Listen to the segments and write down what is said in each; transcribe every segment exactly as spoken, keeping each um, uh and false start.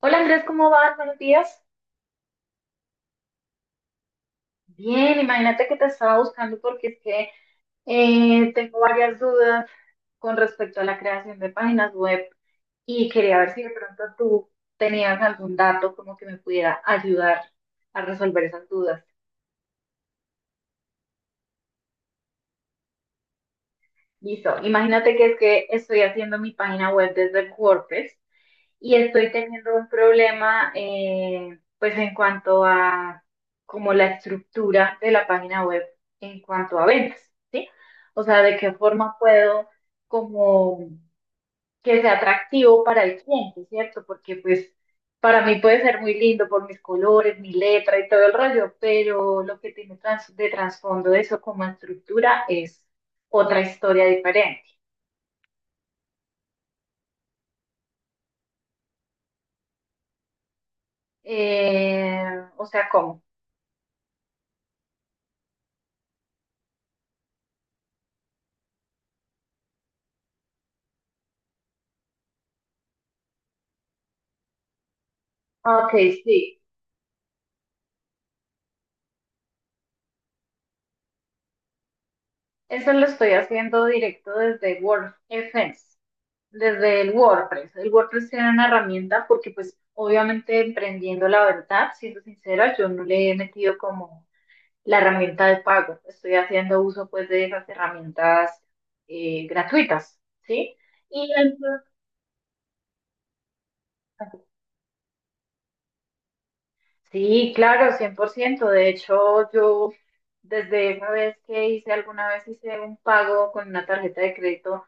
Hola Andrés, ¿cómo vas? Buenos días. Bien, imagínate que te estaba buscando porque es que eh, tengo varias dudas con respecto a la creación de páginas web y quería ver si de pronto tú tenías algún dato como que me pudiera ayudar a resolver esas dudas. Listo, imagínate que es que estoy haciendo mi página web desde el WordPress y estoy teniendo un problema, eh, pues en cuanto a como la estructura de la página web en cuanto a ventas, ¿sí? O sea, de qué forma puedo como que sea atractivo para el cliente, ¿cierto? Porque pues para mí puede ser muy lindo por mis colores, mi letra y todo el rollo, pero lo que tiene trans- de trasfondo eso como estructura es otra historia diferente. Eh, o sea, ¿cómo? Ok, sí. Eso lo estoy haciendo directo desde WordFence, desde el WordPress. El WordPress era una herramienta porque, pues, obviamente emprendiendo la verdad, siendo sincera, yo no le he metido como la herramienta de pago. Estoy haciendo uso, pues, de esas herramientas eh, gratuitas, ¿sí? Y entonces- Sí, claro, cien por ciento. De hecho, yo desde esa vez que hice, alguna vez hice un pago con una tarjeta de crédito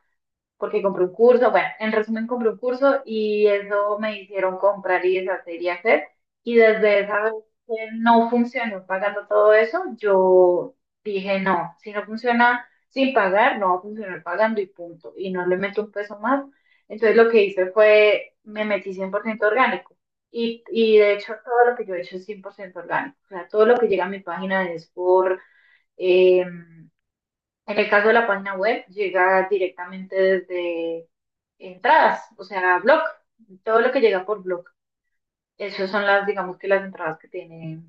porque compré un curso, bueno, en resumen compré un curso y eso me hicieron comprar y deshacer y hacer. Y desde esa vez que no funcionó pagando todo eso, yo dije, no, si no funciona sin pagar, no va a funcionar pagando y punto. Y no le meto un peso más. Entonces lo que hice fue, me metí cien por ciento orgánico. Y, y de hecho todo lo que yo he hecho es cien por ciento orgánico. O sea, todo lo que llega a mi página es por em, en el caso de la página web, llega directamente desde entradas, o sea, blog, todo lo que llega por blog. Esas son las, digamos que las entradas que tiene.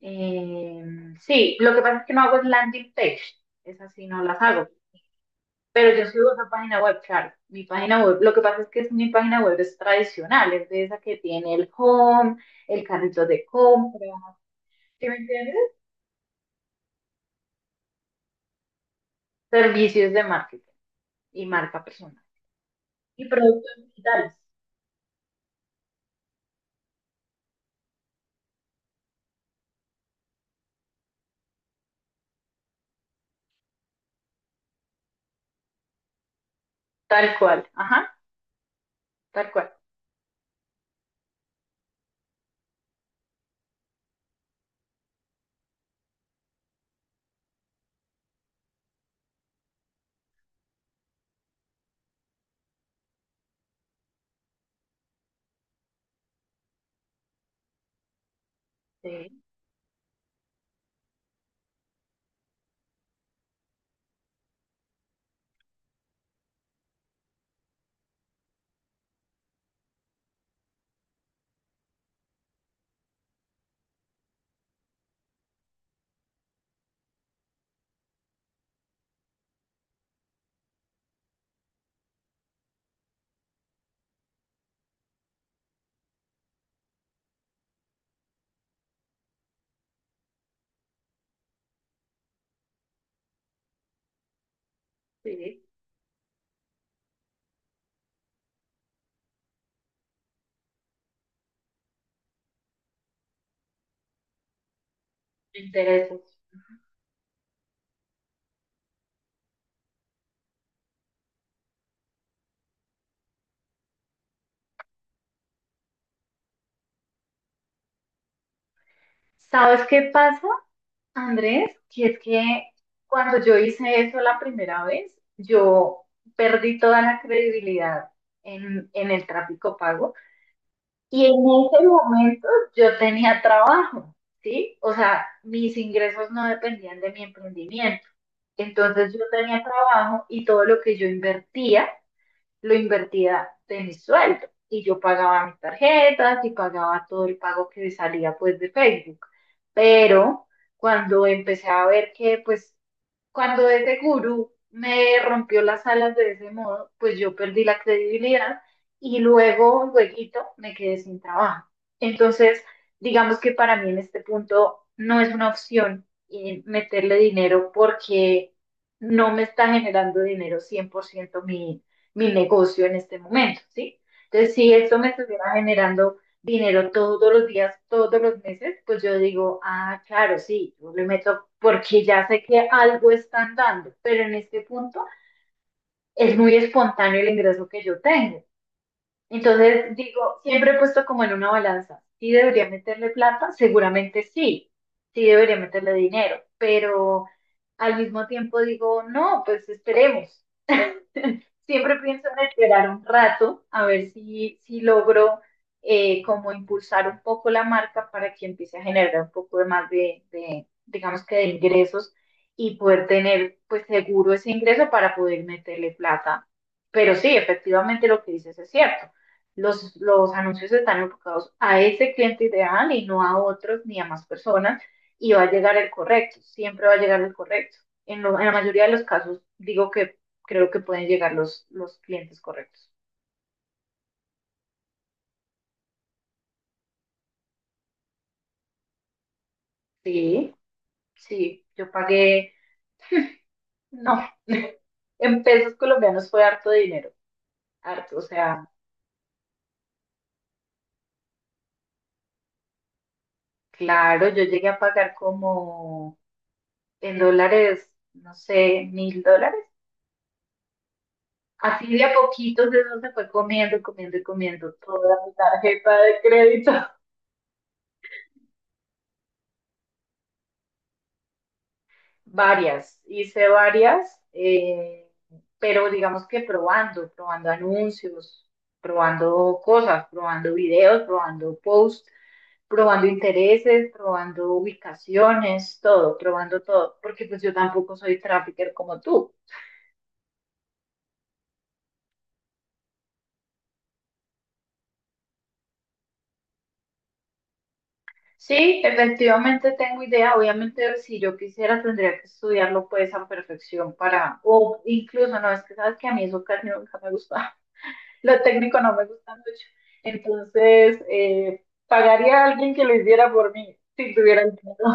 Eh, sí, lo que pasa es que no hago es landing page, esas sí no las hago, pero yo subo esa página web, claro, mi página web, lo que pasa es que es, mi página web es tradicional, es de esa que tiene el home, el carrito de compra, ¿sí me entiendes? Servicios de marketing y marca personal. Y productos digitales. Tal cual, ajá, tal cual. Sí, sí, me interesa. ¿Sabes qué pasa, Andrés? Que es que cuando yo hice eso la primera vez, yo perdí toda la credibilidad en, en el tráfico pago y en ese momento yo tenía trabajo, ¿sí? O sea, mis ingresos no dependían de mi emprendimiento. Entonces yo tenía trabajo y todo lo que yo invertía lo invertía de mi sueldo y yo pagaba mis tarjetas y pagaba todo el pago que salía pues de Facebook. Pero cuando empecé a ver que pues cuando ese gurú me rompió las alas de ese modo, pues yo perdí la credibilidad y luego, lueguito, me quedé sin trabajo. Entonces, digamos que para mí en este punto no es una opción eh, meterle dinero porque no me está generando dinero cien por ciento mi, mi negocio en este momento, ¿sí? Entonces, si esto me estuviera generando dinero todos los días, todos los meses, pues yo digo, ah, claro, sí, yo le meto porque ya sé que algo están dando, pero en este punto es muy espontáneo el ingreso que yo tengo. Entonces digo, siempre he puesto como en una balanza, ¿si debería meterle plata? Seguramente sí, sí debería meterle dinero, pero al mismo tiempo digo, no, pues esperemos. Siempre pienso en esperar un rato a ver si, si logro eh, como impulsar un poco la marca para que empiece a generar un poco de más de, de, digamos que de ingresos y poder tener pues seguro ese ingreso para poder meterle plata. Pero sí, efectivamente lo que dices es cierto. Los, los anuncios están enfocados a ese cliente ideal y no a otros ni a más personas y va a llegar el correcto, siempre va a llegar el correcto. En, lo- en la mayoría de los casos digo que creo que pueden llegar los, los clientes correctos. Sí, sí, yo pagué, no, en pesos colombianos fue harto de dinero, harto, o sea, claro, yo llegué a pagar como en dólares, no sé, mil dólares. Así de a poquitos eso se fue comiendo, comiendo y comiendo toda mi tarjeta de crédito. Varias, hice varias, eh, pero digamos que probando, probando anuncios, probando cosas, probando videos, probando posts, probando intereses, probando ubicaciones, todo, probando todo, porque pues yo tampoco soy trafficker como tú. Sí, efectivamente tengo idea, obviamente si yo quisiera tendría que estudiarlo pues a perfección para, o incluso no, es que sabes que a mí eso casi nunca me gusta. Lo técnico no me gusta mucho. Entonces, eh, pagaría a alguien que lo hiciera por mí, si tuviera el dinero.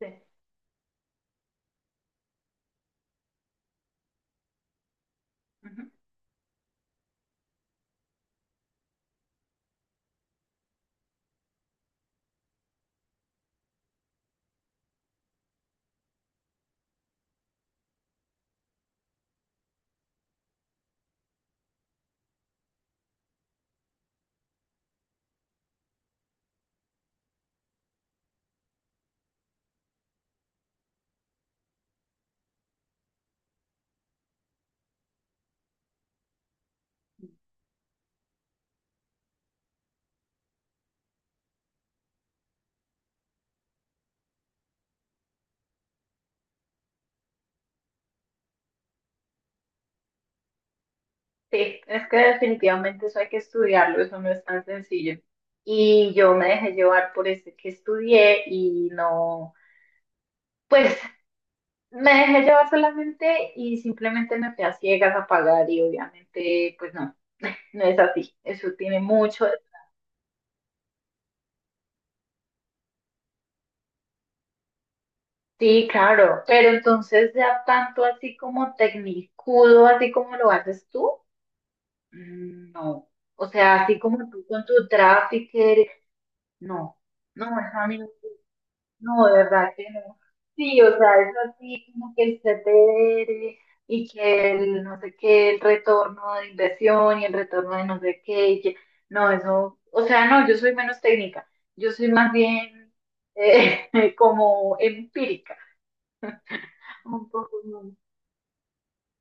Sí. Ujú. Sí, es que definitivamente eso hay que estudiarlo, eso no es tan sencillo. Y yo me dejé llevar por ese que estudié y no, pues me dejé llevar solamente y simplemente me fui a ciegas a pagar y obviamente pues no, no es así. Eso tiene mucho. Sí, claro, pero entonces ya tanto así como tecnicudo, así como lo haces tú, mm, no. O sea, así como tú con tu trafficker, no, no, eso a mí no, no, de verdad que no. Sí, o sea, es así como que el C T R y que el no sé qué, el retorno de inversión y el retorno de no sé qué, y que- no, eso, o sea, no, yo soy menos técnica, yo soy más bien eh, como empírica. Un poco.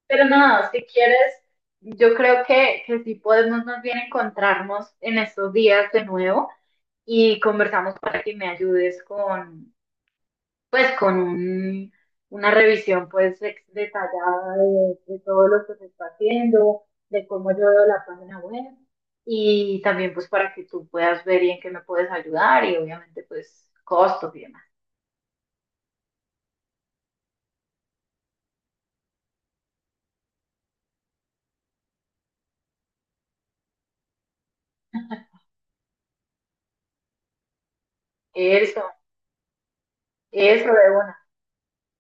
Pero no, si quieres, yo creo que, que sí podemos más bien encontrarnos en estos días de nuevo y conversamos para que me ayudes con, pues, con un- una revisión, pues, ex- detallada de, de todo lo que se está haciendo, de cómo yo veo la página web y también, pues, para que tú puedas ver y en qué me puedes ayudar y obviamente, pues, costos y demás. Eso, eso de una.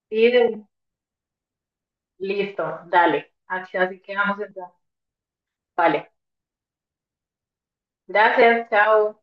Sí, de una. Listo, dale. Así así quedamos entonces. Vale. Gracias, chao.